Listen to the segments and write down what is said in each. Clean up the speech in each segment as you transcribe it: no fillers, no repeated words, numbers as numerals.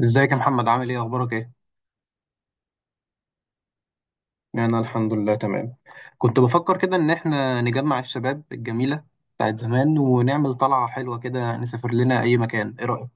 ازيك يا محمد، عامل ايه؟ اخبارك ايه؟ أنا الحمد لله تمام. كنت بفكر كده ان احنا نجمع الشباب الجميله بتاعت زمان ونعمل طلعه حلوه كده، نسافر لنا اي مكان. ايه رايك؟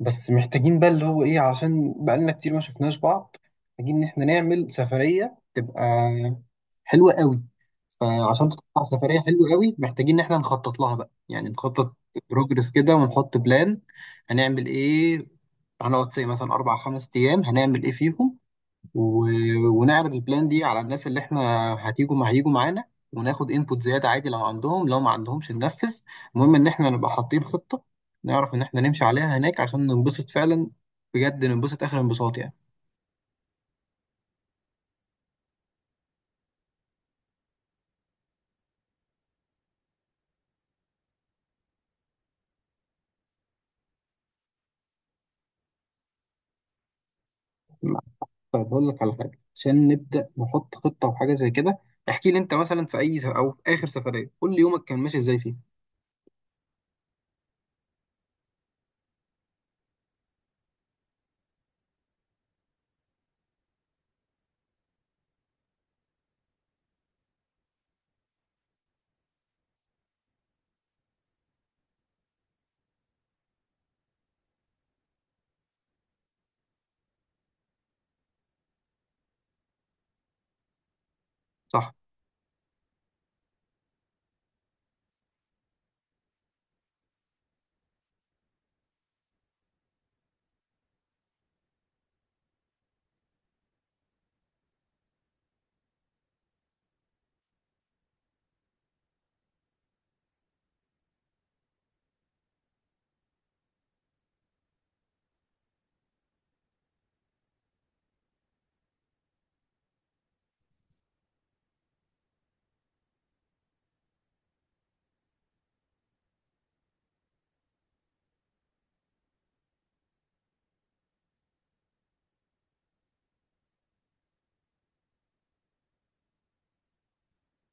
بس محتاجين بقى اللي هو إيه، عشان بقالنا كتير ما شفناش بعض. محتاجين إن إحنا نعمل سفرية تبقى حلوة قوي. فعشان تطلع سفريه حلوه قوي محتاجين ان احنا نخطط لها بقى، يعني نخطط بروجرس كده ونحط بلان. هنعمل ايه؟ هنقعد سي مثلا اربع خمس ايام، هنعمل ايه فيهم؟ و... ونعرض البلان دي على الناس اللي احنا هتيجوا مع هيجوا معانا، وناخد انبوت زياده عادي، لو عندهم لو ما عندهمش ننفذ. المهم ان احنا نبقى حاطين خطه، نعرف ان احنا نمشي عليها هناك عشان ننبسط فعلا، بجد ننبسط اخر انبساط يعني. طيب هقول لك على حاجه عشان نبدا نحط خطه وحاجه زي كده. احكي لي انت مثلا في اي او في اخر سفريه قول لي يومك كان ماشي ازاي فيه. صح.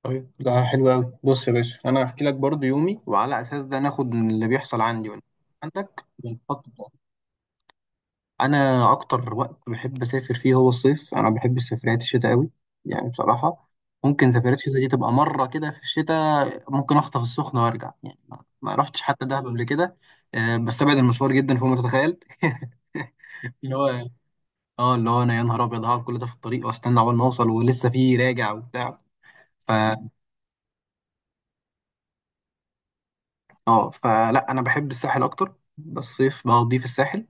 طيب ده حلو قوي، بص يا باشا، انا هحكي لك برضو يومي وعلى اساس ده ناخد من اللي بيحصل عندي ولا عندك ونحط. انا اكتر وقت بحب اسافر فيه هو الصيف، انا بحب سفريات الشتاء قوي يعني، بصراحه. ممكن سفريات الشتاء دي تبقى مره كده، في الشتاء ممكن اخطف السخنه وارجع، يعني ما رحتش حتى دهب قبل كده. بستبعد المشوار جدا فوق ما تتخيل. اللي هو اه اللي هو انا يا نهار ابيض هقعد كل ده في الطريق واستنى عقبال ما اوصل، ولسه في راجع وبتاع. ف اه فلا انا بحب الساحل اكتر، بس الصيف بقضيه في الساحل.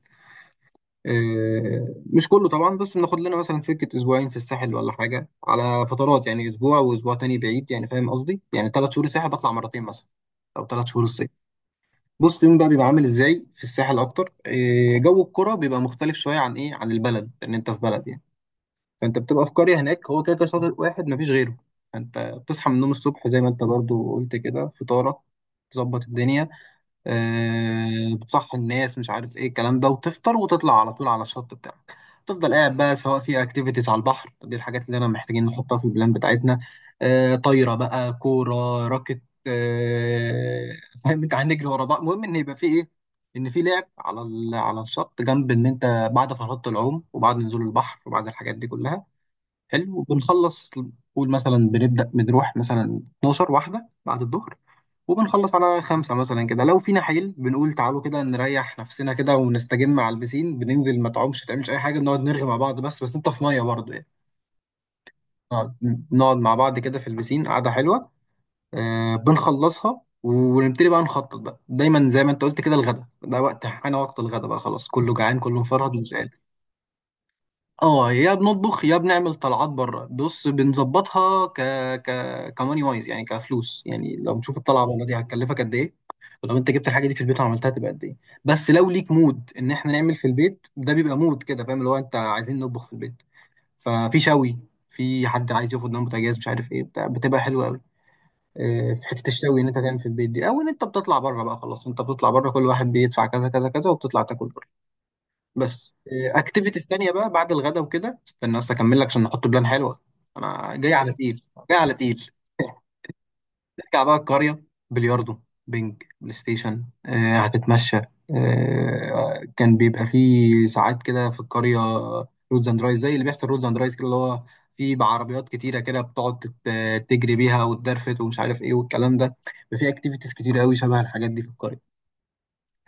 مش كله طبعا، بس بناخد لنا مثلا سكة أسبوعين في الساحل ولا حاجة على فترات يعني، أسبوع وأسبوع تاني بعيد يعني، فاهم قصدي؟ يعني 3 شهور الساحل بطلع مرتين مثلا، أو 3 شهور الصيف. بص، يوم بقى بيبقى عامل إزاي في الساحل أكتر، جو الكرة بيبقى مختلف شوية عن إيه، عن البلد، لأن أنت في بلد يعني. فأنت بتبقى في قرية هناك، هو كده كده شاطئ واحد مفيش غيره. فأنت بتصحى من النوم الصبح زي ما أنت برضو قلت كده، فطارك تظبط الدنيا. بتصحي الناس مش عارف ايه الكلام ده، وتفطر وتطلع على طول على الشط بتاعك. تفضل قاعد بقى، سواء في اكتيفيتيز على البحر، دي الحاجات اللي انا محتاجين نحطها في البلان بتاعتنا. طايره بقى، كوره، راكت، فاهم، انت هنجري ورا بعض، المهم ان يبقى في ايه، ان في لعب على على الشط، جنب ان انت بعد فرهدة العوم وبعد نزول البحر وبعد الحاجات دي كلها. حلو وبنخلص. قول مثلا بنبدا بنروح مثلا 12 واحده بعد الظهر، وبنخلص على 5 مثلا كده، لو فينا حيل بنقول تعالوا كده نريح نفسنا كده ونستجم على البسين، بننزل، ما تعومش ما تعملش أي حاجة، بنقعد نرغي مع بعض، بس أنت في مية برضه يعني. نقعد نقعد مع بعض كده في البسين قعدة حلوة. بنخلصها ونبتدي بقى نخطط بقى دايما زي ما أنت قلت كده، الغدا ده وقت، أنا وقت الغدا بقى خلاص كله جعان كله مفرهد ومش قادر. اه يا بنطبخ يا بنعمل طلعات بره، بص بنظبطها ك ك كماني وايز يعني، كفلوس يعني، لو نشوف الطلعه بره دي هتكلفك قد ايه، ولو انت جبت الحاجه دي في البيت وعملتها تبقى قد ايه. بس لو ليك مود ان احنا نعمل في البيت ده بيبقى مود كده، فاهم اللي هو انت عايزين نطبخ في البيت، ففي شوي، في حد عايز ياخد نوم، بوتاجاز مش عارف ايه بتاع، بتبقى حلوه قوي. اه، في حته الشوي ان انت تعمل في البيت دي، او ان انت بتطلع بره بقى خلاص، انت بتطلع بره كل واحد بيدفع كذا كذا كذا وبتطلع تاكل. بس، اكتيفيتيز تانية بقى بعد الغدا وكده، استنى بس اكمل لك عشان نحط بلان حلوة. انا جاي على تقيل، جاي على تقيل. نرجع بقى القرية، بلياردو، بينج، بلاي ستيشن، هتتمشى. كان بيبقى فيه ساعات كده في القرية، رودز اند رايز، زي اللي بيحصل رودز اند رايز كده اللي هو، في بعربيات كتيرة كده بتقعد تجري بيها وتدرفت ومش عارف ايه والكلام ده. في اكتيفيتيز كتير قوي شبه الحاجات دي في القرية،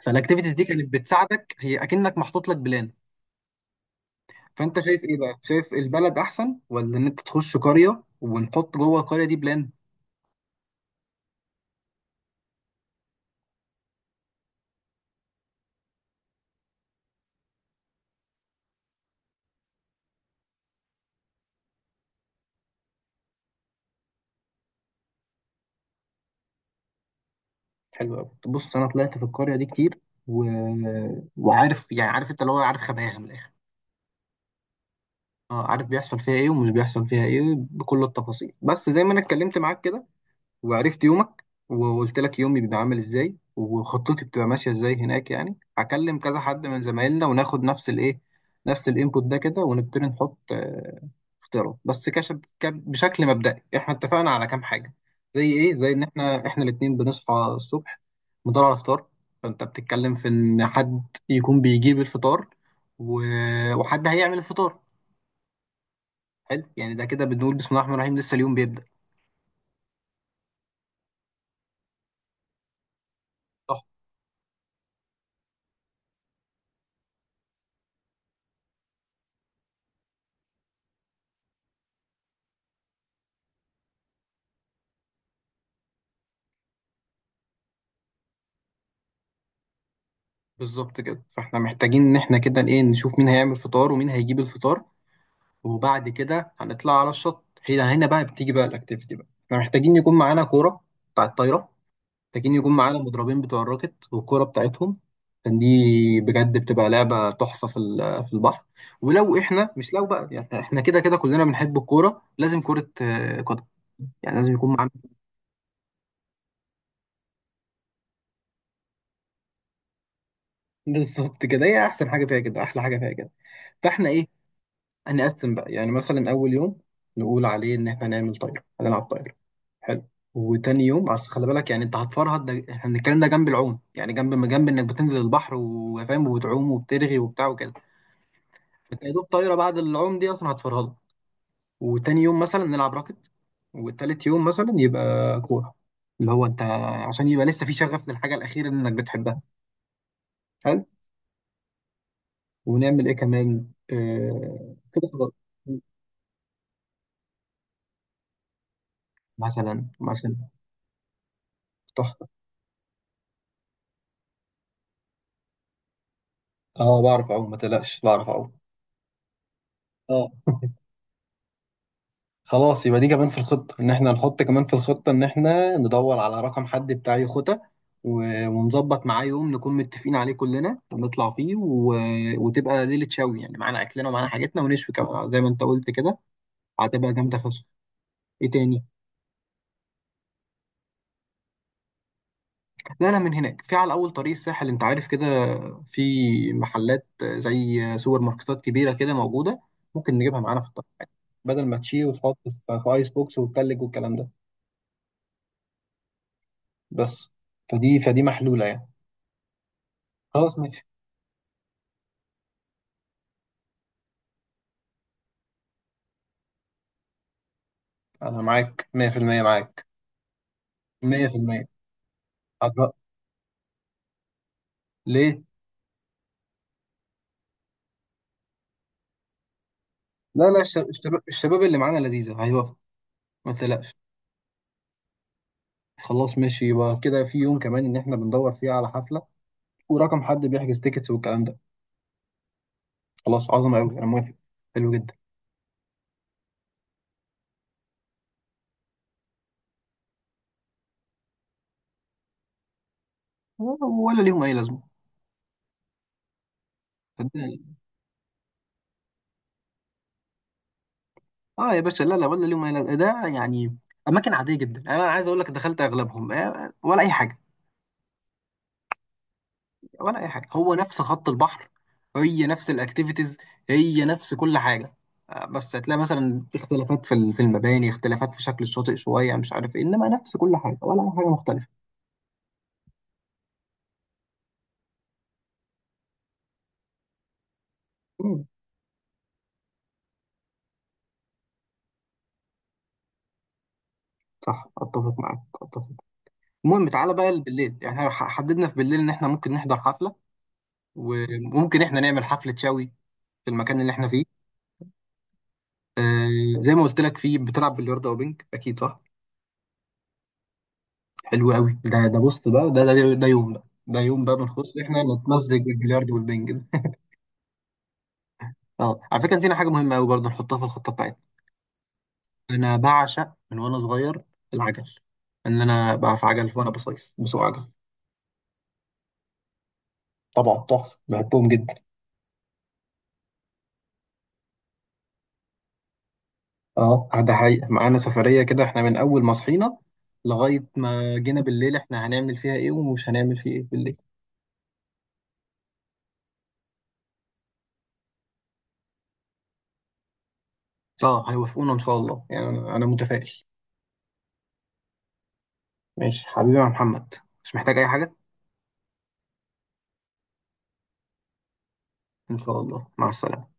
فالاكتيفيتيز دي كانت بتساعدك هي اكنك محطوط لك بلان. فانت شايف ايه بقى؟ شايف البلد احسن، ولا ان انت تخش قريه ونحط جوه القريه دي بلان؟ حلو قوي، بص انا طلعت في القريه دي كتير، و... وعارف يعني، عارف انت اللي هو عارف خباياها من الاخر. اه عارف بيحصل فيها ايه ومش بيحصل فيها ايه بكل التفاصيل، بس زي ما انا اتكلمت معاك كده وعرفت يومك وقلت لك يومي بيبقى عامل ازاي وخطتي بتبقى ماشيه ازاي هناك، يعني هكلم كذا حد من زمايلنا وناخد نفس الايه، نفس الانبوت ده كده ونبتدي نحط، اختيارات بس كش. بشكل مبدئي احنا اتفقنا على كام حاجه، زي ايه، زي ان احنا الاثنين بنصحى الصبح ندور على الفطار، فانت بتتكلم في ان حد يكون بيجيب الفطار، و... وحد هيعمل الفطار. حلو، يعني ده كده بنقول بسم الله الرحمن الرحيم، لسه اليوم بيبدأ. بالظبط كده، فاحنا محتاجين ان احنا كده ايه، نشوف مين هيعمل فطار ومين هيجيب الفطار. وبعد كده هنطلع على الشط. هنا بقى بتيجي بقى الاكتيفيتي بقى، احنا محتاجين يكون معانا كوره بتاع الطايره، محتاجين يكون معانا مضربين بتوع الراكت والكوره بتاعتهم، عشان دي بجد بتبقى لعبه تحفه في البحر. ولو احنا مش، لو بقى يعني احنا كده كده كلنا بنحب الكوره لازم كوره، قدم، يعني لازم يكون معانا. بالظبط كده، هي احسن حاجه فيها كده، احلى حاجه فيها كده. فاحنا ايه، هنقسم بقى يعني، مثلا أول يوم نقول عليه إن إحنا هنعمل طايرة، هنلعب طايرة، حلو. وتاني يوم، بس خلي بالك يعني، أنت هتفرهد، ده إحنا بنتكلم ده جنب العوم يعني، جنب ما جنب إنك بتنزل البحر وفاهم وبتعوم وبترغي وبتاع وكده، فأنت يا دوب طايرة بعد العوم دي أصلا هتفرهده. وتاني يوم مثلا نلعب راكت، والتالت يوم مثلا يبقى كورة، اللي هو أنت عشان يبقى لسه في شغف للحاجة الأخيرة اللي إنك بتحبها، حلو. ونعمل إيه كمان؟ كده خلاص، مثلا مثلا. تحفة. اه بعرف اعوم، ما تقلقش بعرف اعوم. اه خلاص يبقى دي كمان في الخطة، ان احنا نحط كمان في الخطة ان احنا ندور على رقم حد بتاع يخوتة، ونظبط معاه يوم نكون متفقين عليه كلنا ونطلع فيه، وتبقى ليلة شوي يعني، معانا اكلنا ومعانا حاجتنا ونشوي كمان زي ما انت قلت كده، هتبقى جامدة فشخ. ايه تاني؟ لا لا، من هناك. في على اول طريق الساحل انت عارف كده، في محلات زي سوبر ماركتات كبيرة كده موجودة، ممكن نجيبها معانا في الطريق، بدل ما تشيل وتحط في ايس بوكس وتلج والكلام ده، بس. فدي محلولة يعني. خلاص ماشي، أنا معاك 100% معاك 100%. هتبقى ليه؟ لا لا الشباب اللي معانا لذيذة هيوافقوا، ما تقلقش. خلاص ماشي، يبقى كده في يوم كمان إن إحنا بندور فيه على حفلة، ورقم حد بيحجز تيكتس والكلام ده، خلاص عظمة أوي أنا موافق، حلو جدا. ولا ليهم أي لازمة، صدقني. يا باشا لا لا، ولا ليهم أي لازمة ده يعني، أماكن عادية جدا، أنا عايز أقول لك دخلت أغلبهم، ولا أي حاجة، ولا اي حاجه، هو نفس خط البحر، هي نفس الاكتيفيتيز، هي نفس كل حاجه. بس هتلاقي مثلا اختلافات في المباني، اختلافات في شكل الشاطئ شويه مش عارف ايه، انما نفس كل حاجه ولا اي حاجه مختلفه. مم. صح، اتفق معاك اتفق. المهم تعالى بقى بالليل يعني، إحنا حددنا في بالليل ان احنا ممكن نحضر حفله، وممكن احنا نعمل حفله شاوي في المكان اللي احنا فيه. زي ما قلت لك فيه بتلعب بلياردو او بينج، اكيد صح. حلو قوي، ده بص بقى، ده يوم بقى بنخش احنا نتمزج بالبلياردو والبنج ده. اه على فكره نسينا حاجه مهمه قوي برضه، نحطها في الخطه بتاعتنا، انا بعشق من وانا صغير العجل، ان انا بقى في عجل وانا بصيف بسوق عجل. طبعا تحفه بحبهم جدا. اه ده حقيقه معانا سفريه كده، احنا من اول ما صحينا لغايه ما جينا بالليل احنا هنعمل فيها ايه ومش هنعمل فيه ايه بالليل. اه هيوافقونا ان شاء الله يعني، أنا متفائل. ماشي حبيبي يا محمد، مش محتاج اي حاجه، ان شاء الله، مع السلامه.